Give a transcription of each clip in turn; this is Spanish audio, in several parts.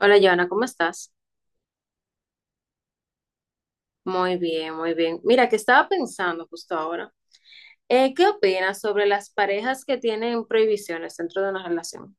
Hola, Joana, ¿cómo estás? Muy bien, muy bien. Mira, que estaba pensando justo ahora. ¿Qué opinas sobre las parejas que tienen prohibiciones dentro de una relación?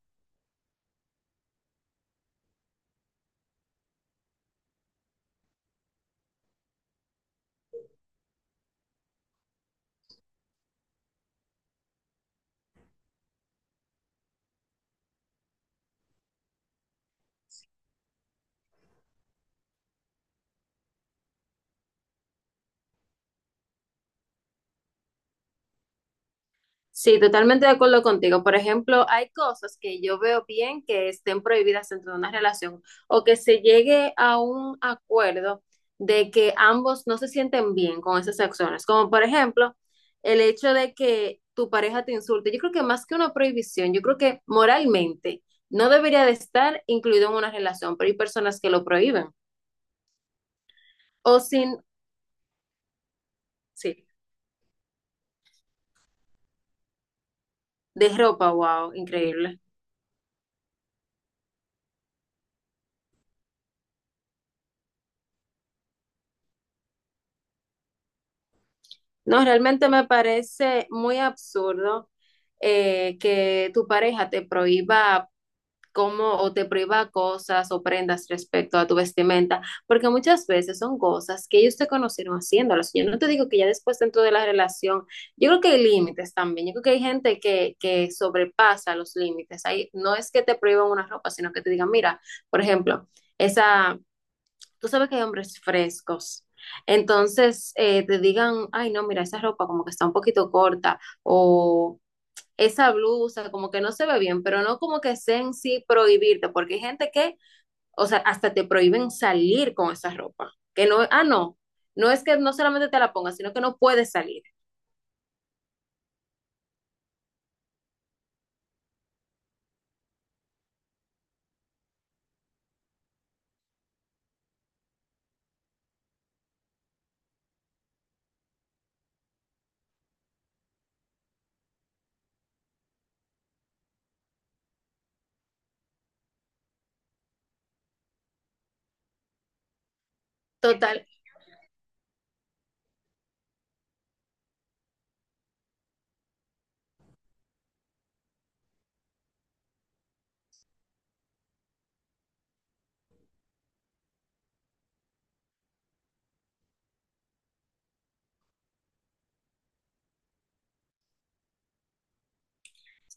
Sí, totalmente de acuerdo contigo. Por ejemplo, hay cosas que yo veo bien que estén prohibidas dentro de una relación o que se llegue a un acuerdo de que ambos no se sienten bien con esas acciones. Como por ejemplo, el hecho de que tu pareja te insulte. Yo creo que más que una prohibición, yo creo que moralmente no debería de estar incluido en una relación, pero hay personas que lo prohíben. O sin, sí, de ropa, wow, increíble. No, realmente me parece muy absurdo, que tu pareja te prohíba cómo o te prohíba cosas o prendas respecto a tu vestimenta, porque muchas veces son cosas que ellos te conocieron haciéndolas. Yo no te digo que ya después dentro de la relación, yo creo que hay límites también, yo creo que hay gente que sobrepasa los límites. Ahí no es que te prohíban una ropa, sino que te digan, mira, por ejemplo, esa, tú sabes que hay hombres frescos. Entonces, te digan, ay, no, mira, esa ropa como que está un poquito corta o esa blusa como que no se ve bien, pero no como que sea en sí prohibirte, porque hay gente que, o sea, hasta te prohíben salir con esa ropa, que no, ah, no, no es que no solamente te la pongas, sino que no puedes salir. Total,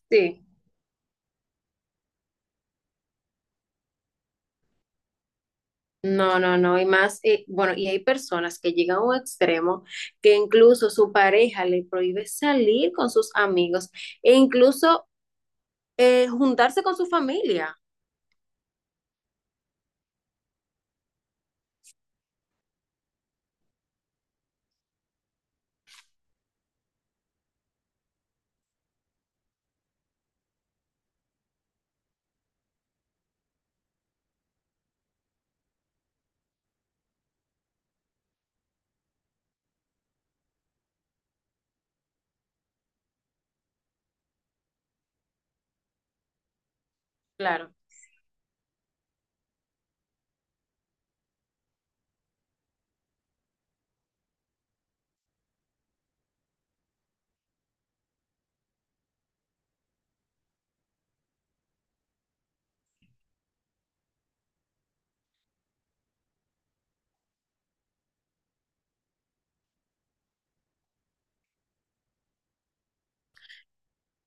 sí. No, y más, bueno, y hay personas que llegan a un extremo que incluso su pareja le prohíbe salir con sus amigos e incluso juntarse con su familia. Claro.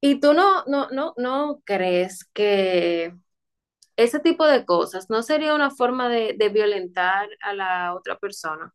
¿Y tú no crees que ese tipo de cosas no sería una forma de violentar a la otra persona?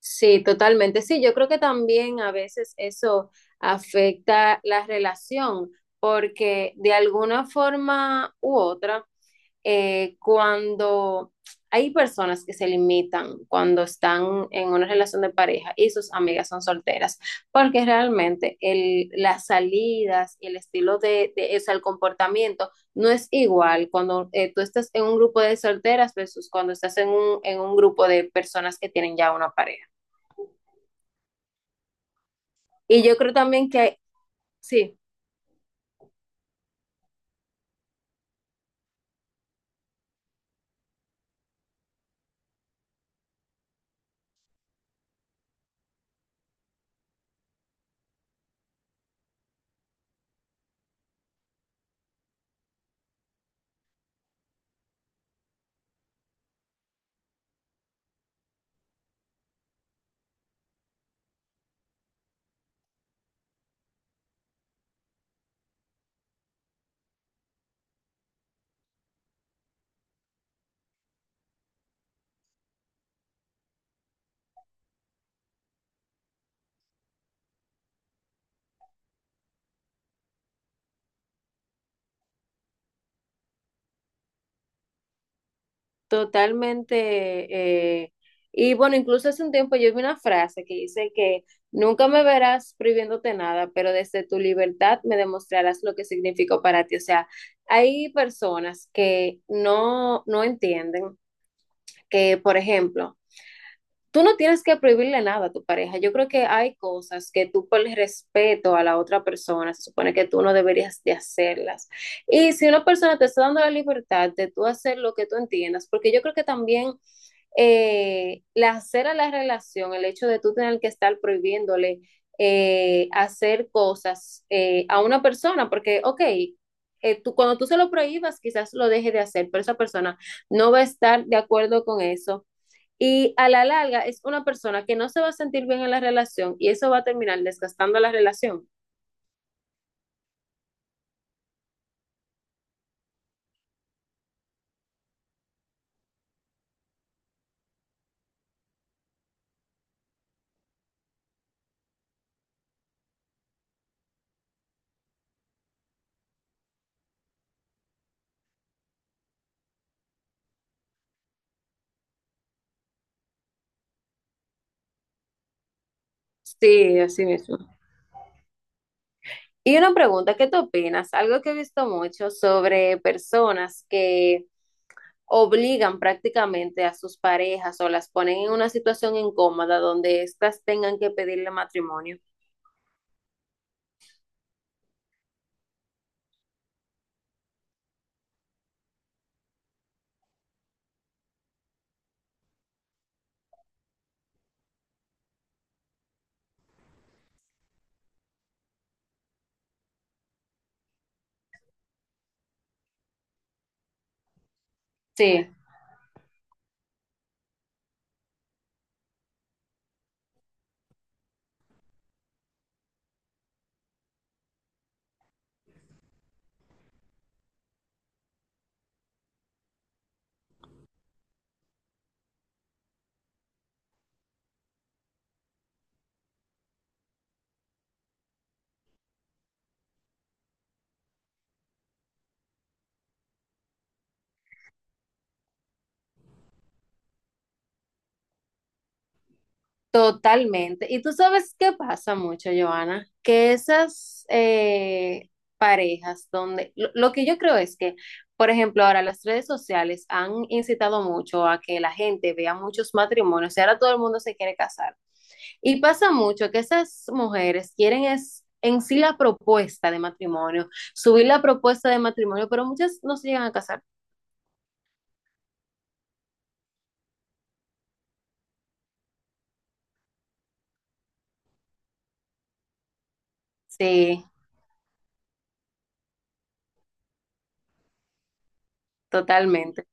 Sí, totalmente. Sí, yo creo que también a veces eso afecta la relación, porque de alguna forma u otra, cuando hay personas que se limitan cuando están en una relación de pareja y sus amigas son solteras, porque realmente el, las salidas y el estilo de o sea, el comportamiento no es igual cuando tú estás en un grupo de solteras versus cuando estás en un grupo de personas que tienen ya una pareja. Y yo creo también que, sí. Totalmente. eh, y bueno, incluso hace un tiempo yo vi una frase que dice que nunca me verás prohibiéndote nada, pero desde tu libertad me demostrarás lo que significó para ti. O sea, hay personas que no, no entienden que, por ejemplo, tú no tienes que prohibirle nada a tu pareja. Yo creo que hay cosas que tú por el respeto a la otra persona, se supone que tú no deberías de hacerlas. Y si una persona te está dando la libertad de tú hacer lo que tú entiendas, porque yo creo que también la hacer a la relación, el hecho de tú tener que estar prohibiéndole hacer cosas a una persona, porque, ok, tú, cuando tú se lo prohíbas, quizás lo deje de hacer, pero esa persona no va a estar de acuerdo con eso. Y a la larga es una persona que no se va a sentir bien en la relación y eso va a terminar desgastando la relación. Sí, así mismo. Y una pregunta, ¿qué tú opinas? Algo que he visto mucho sobre personas que obligan prácticamente a sus parejas o las ponen en una situación incómoda donde éstas tengan que pedirle matrimonio. Sí, totalmente. Y tú sabes qué pasa mucho, Johanna, que esas parejas donde lo que yo creo es que, por ejemplo, ahora las redes sociales han incitado mucho a que la gente vea muchos matrimonios y ahora todo el mundo se quiere casar. Y pasa mucho que esas mujeres quieren es en sí la propuesta de matrimonio, subir la propuesta de matrimonio, pero muchas no se llegan a casar. Sí, totalmente.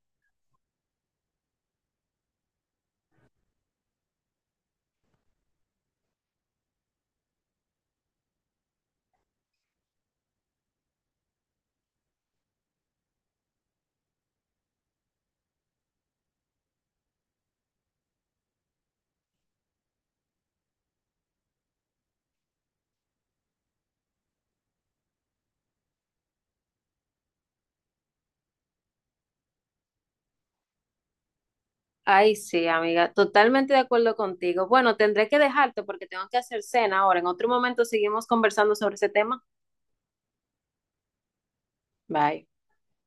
Ay, sí, amiga, totalmente de acuerdo contigo. Bueno, tendré que dejarte porque tengo que hacer cena ahora. En otro momento seguimos conversando sobre ese tema. Bye.